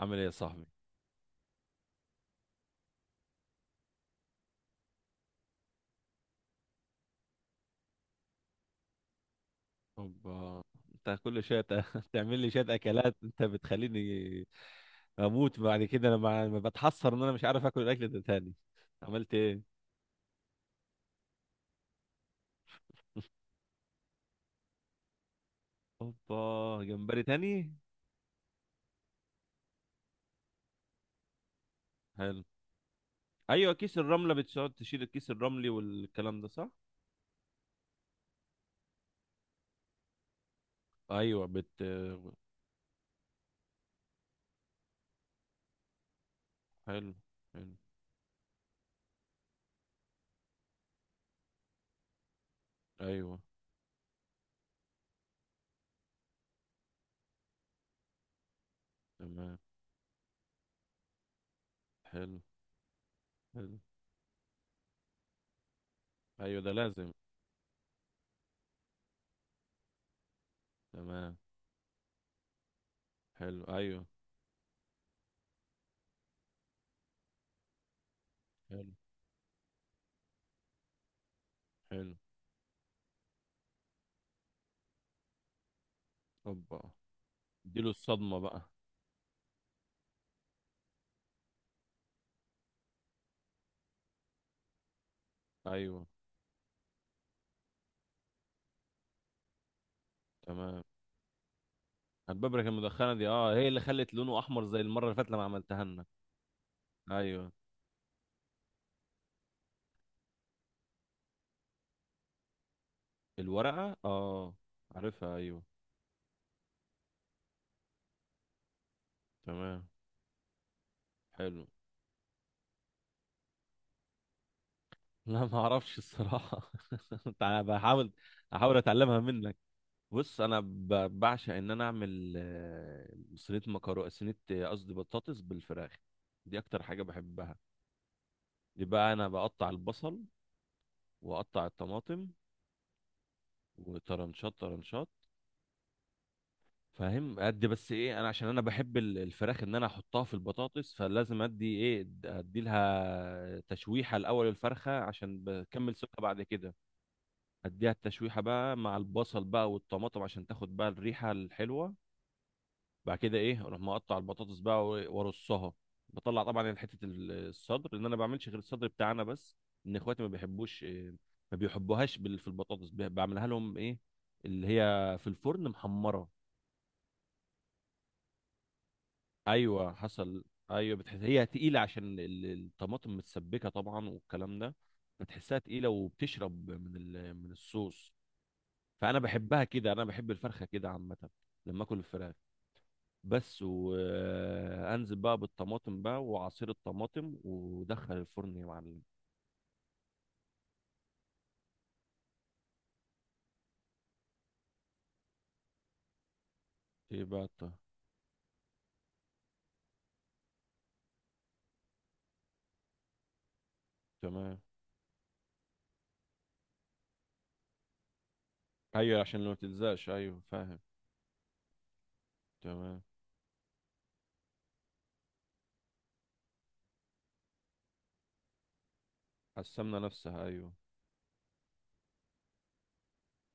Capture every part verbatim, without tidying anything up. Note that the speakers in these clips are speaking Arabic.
عامل ايه يا صاحبي؟ اوبا. انت كل شويه ت- تعمل لي شويه اكلات، انت بتخليني اموت بعد كده. انا مع- ما بتحسر ان انا مش عارف اكل الاكل ده تاني. عملت ايه؟ اوبا، جمبري تاني؟ حلو. ايوه، كيس الرمله بتقعد تشيل الكيس الرملي والكلام ده، صح؟ ايوه، بت حلو. حلو. ايوه، تمام. حلو. حلو. ايوه، ده لازم. تمام. حلو. ايوه. حلو. حلو. اوبا، اديله الصدمه بقى. ايوه. تمام. البابريكا المدخنة دي، اه، هي اللي خلت لونه احمر زي المرة اللي فاتت لما عملتها لنا. ايوه، الورقة، اه. عارفها، ايوه. تمام. حلو. لا، ما اعرفش الصراحة. انا بحاول. احاول اتعلمها منك. بص، انا ب- بعشق ان انا اعمل آه، صينية مكرونة، صينية، آه، قصدي بطاطس بالفراخ. دي اكتر حاجة بحبها. يبقى انا بقطع البصل، واقطع الطماطم، وطرنشات طرنشات. فاهم، ادي بس ايه، انا عشان انا بحب ال- الفراخ ان انا احطها في البطاطس، فلازم ادي ايه، ادي لها تشويحه الاول الفرخه عشان بكمل سوا بعد كده. اديها التشويحه بقى مع البصل بقى والطماطم، عشان تاخد بقى الريحه الحلوه. بعد كده ايه، اروح مقطع البطاطس بقى و- وارصها. بطلع طبعا يعني حته ال- الصدر، لان انا ما بعملش غير الصدر بتاعنا بس. ان اخواتي ما بيحبوش، إيه، ما بيحبوهاش بال- في البطاطس، ب- بعملها لهم ايه، اللي هي في الفرن محمره. ايوه حصل. ايوه، بتحس هي تقيله عشان ال- الطماطم متسبكه طبعا والكلام ده. بتحسها تقيله وبتشرب من ال... من الصوص. فانا بحبها كده، انا بحب الفرخه كده عامه. لما اكل الفراخ. بس وانزل بقى بالطماطم بقى وعصير الطماطم، ودخل الفرن يا معلم. ايه بقى الط- تمام. ايوه، عشان لو ما تلزقش، ايوه فاهم. تمام. على السمنه نفسها، ايوه.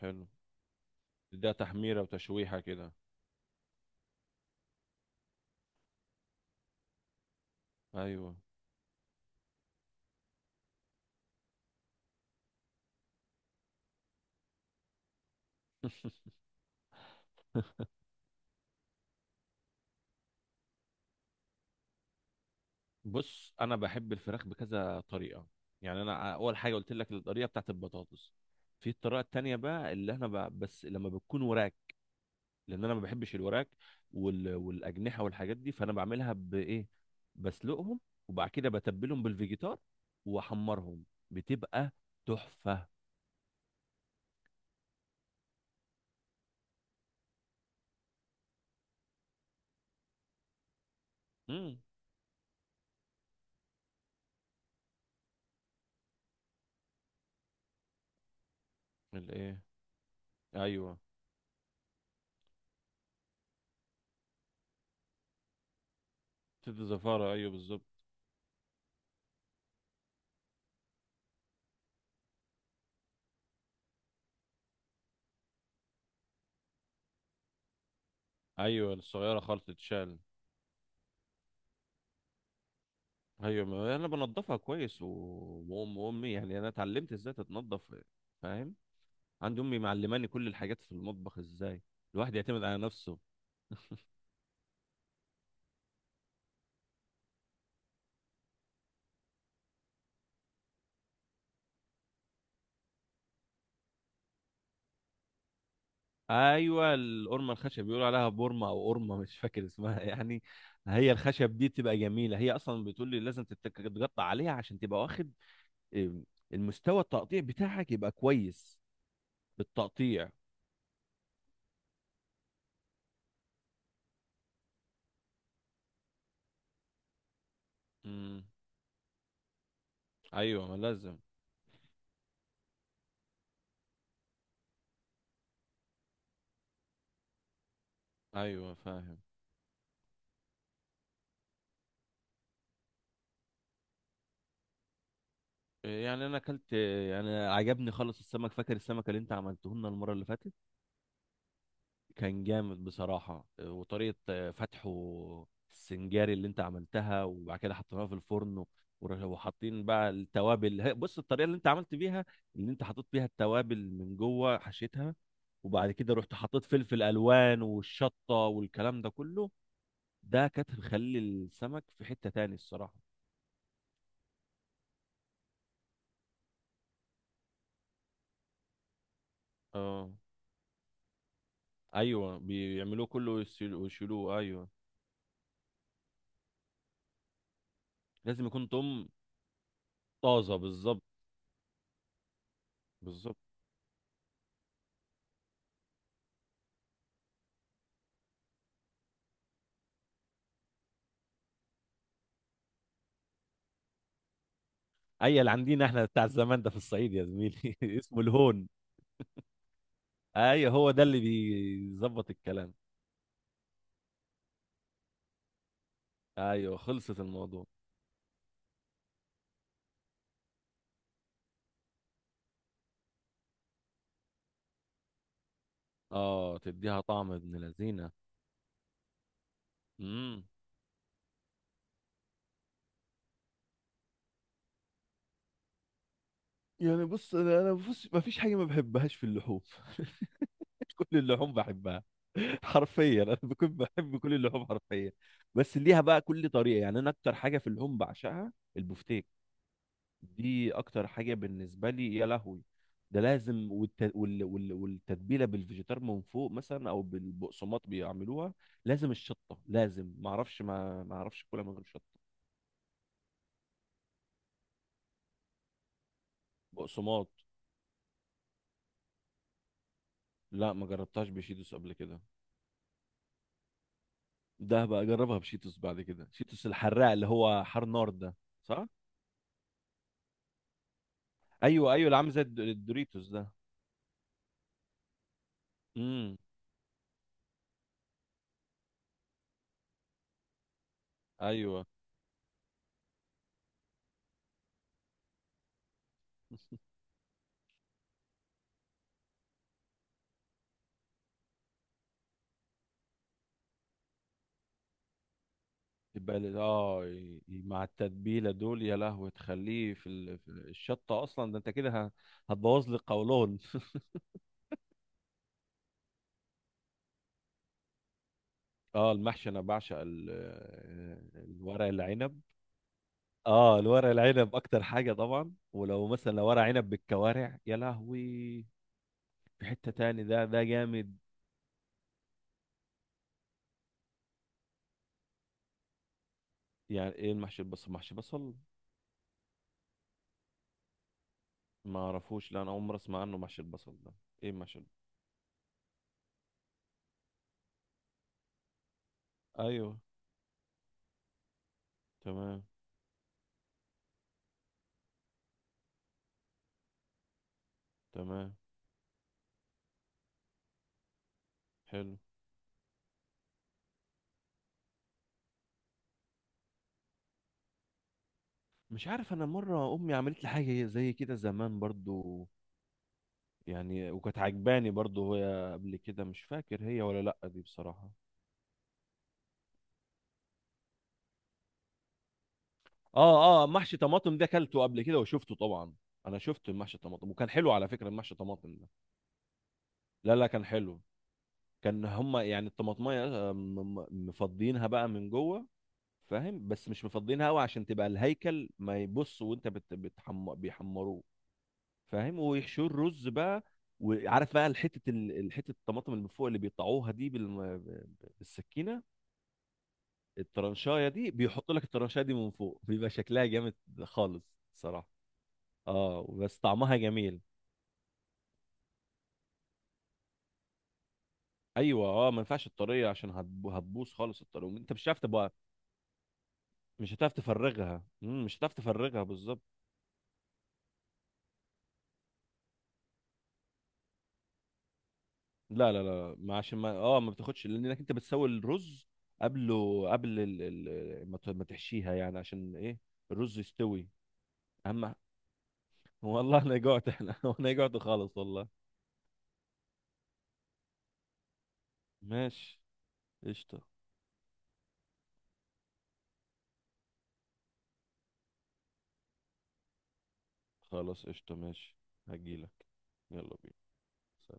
حلو. ده تحميره وتشويحه كده. ايوه. بص، انا بحب الفراخ بكذا طريقه. يعني انا اول حاجه قلت لك الطريقه بتاعت البطاطس. في الطريقه التانية بقى اللي احنا بقى، بس لما بتكون وراك. لان انا ما بحبش الوراك وال... والاجنحه والحاجات دي، فانا بعملها بايه؟ بسلقهم، وبعد كده بتبلهم بالفيجيتار، واحمرهم. بتبقى تحفه. امم الايه؟ ايوه. بتبقى زفاره، ايوه بالظبط. ايوه، الصغيره خالص تتشال. ايوه، ما انا بنضفها كويس و... وام امي يعني انا اتعلمت ازاي تتنضف. فاهم. عندي امي معلماني كل الحاجات في المطبخ، ازاي الواحد يعتمد على نفسه. ايوه، القرمه الخشب بيقولوا عليها بورمه او قرمه، مش فاكر اسمها يعني. هي الخشب دي تبقى جميله، هي اصلا بتقول لي لازم تتك- تتقطع عليها عشان تبقى واخد، إم، المستوى التقطيع بتاعك يبقى كويس. بالتقطيع. امم ايوه، ما لازم. ايوه فاهم. يعني انا اكلت، يعني عجبني خالص السمك. فاكر السمك اللي انت عملته لنا المره اللي فاتت؟ كان جامد بصراحه، وطريقه فتحه السنجاري اللي انت عملتها وبعد كده حطيناها في الفرن. ور- وحاطين بقى التوابل، هي- بص الطريقه اللي انت عملت بيها، اللي انت حطيت بيها التوابل من جوه، حشيتها. وبعد كده رحت حطيت فلفل الوان والشطه والكلام ده كله. ده كانت مخلي السمك في حته تاني الصراحه. اه. ايوه بيعملوه كله ويسيلوه- ويشيلوه، ايوه. لازم يكون توم طازه، بالظبط بالظبط. اي اللي عندنا احنا بتاع الزمان ده في الصعيد يا زميلي، اسمه الهون. ايوه، هو ده اللي بيظبط الكلام. ايوه، خلصت الموضوع. اه، تديها طعم ابن لذينه. امم يعني بص، انا انا بص، ما فيش حاجه ما بحبهاش في اللحوم. كل اللحوم بحبها، حرفيا. انا بكون بحب كل اللحوم حرفيا. بس ليها بقى كل طريقه. يعني انا اكتر حاجه في اللحوم بعشقها البفتيك. دي اكتر حاجه بالنسبه لي، يا لهوي. ده لازم، والت... وال... وال... والتتبيله بالفيجيتار من فوق مثلا، او بالبقسماط بيعملوها. لازم الشطه لازم، ما اعرفش، ما ما اعرفش كلها من غير شطه. بقسماط. لا، ما جربتهاش بشيتوس قبل كده. ده بقى اجربها بشيتوس بعد كده، شيتوس الحراق اللي هو حار نار ده. صح. ايوه ايوه، اللي عامل زي الد- الدوريتوس ده. امم ايوه. يبقى ال- اه ي- مع التتبيله دول، يا لهوي، تخليه في ال... في الشطه اصلا، ده انت كده ه- هتبوظ لي القولون. اه المحشي، انا بعشق ال... آه، الورق العنب. اه، الورق العنب اكتر حاجه طبعا، ولو مثلا لو ورق عنب بالكوارع، يا لهوي، في حته تاني. ده ده جامد. يعني ايه المحشي البصل؟ محشي بصل؟ ما اعرفوش، لا، انا عمري اسمع عنه محشي البصل ده. ايه محشي البصل؟ ايوه. تمام. تمام. حلو. مش عارف، انا مره امي عملت لي حاجه زي كده زمان برضو. يعني وكانت عجباني برضو، هي قبل كده مش فاكر هي ولا لا دي بصراحه. اه اه، محشي طماطم ده اكلته قبل كده وشفته طبعا. انا شفت المحشي الطماطم وكان حلو على فكره، المحشي الطماطم ده. لا لا، كان حلو. كان هما يعني الطماطميه، آه، م- م- مفضيينها بقى من جوه. فاهم، بس مش مفضيينها قوي عشان تبقى الهيكل ما يبص، وانت بت... بتحم... بيحمروه. فاهم، ويحشوه الرز بقى. وعارف بقى الحته ال- حته الطماطم اللي من فوق اللي بيقطعوها دي بالم... بالسكينه. الترنشايه دي، بيحط لك الترنشايه دي من فوق، بيبقى شكلها جامد خالص صراحه. اه بس طعمها جميل. ايوه، اه، ما ينفعش الطريه عشان هتب- هتبوظ خالص الطريه، انت مش هتعرف تبقى، مش هتعرف تفرغها. مم، مش هتعرف تفرغها بالظبط. لا لا لا ما عشان ما اه ما بتاخدش لانك انت بتسوي الرز قبله، قبل ال... ال... ما ت- ما تحشيها يعني، عشان ايه؟ الرز يستوي. اهم. والله لا جعت احنا. انا جعت خالص والله. ماشي، قشطة. خلاص قشطة، ماشي. هجيلك. يلا بينا.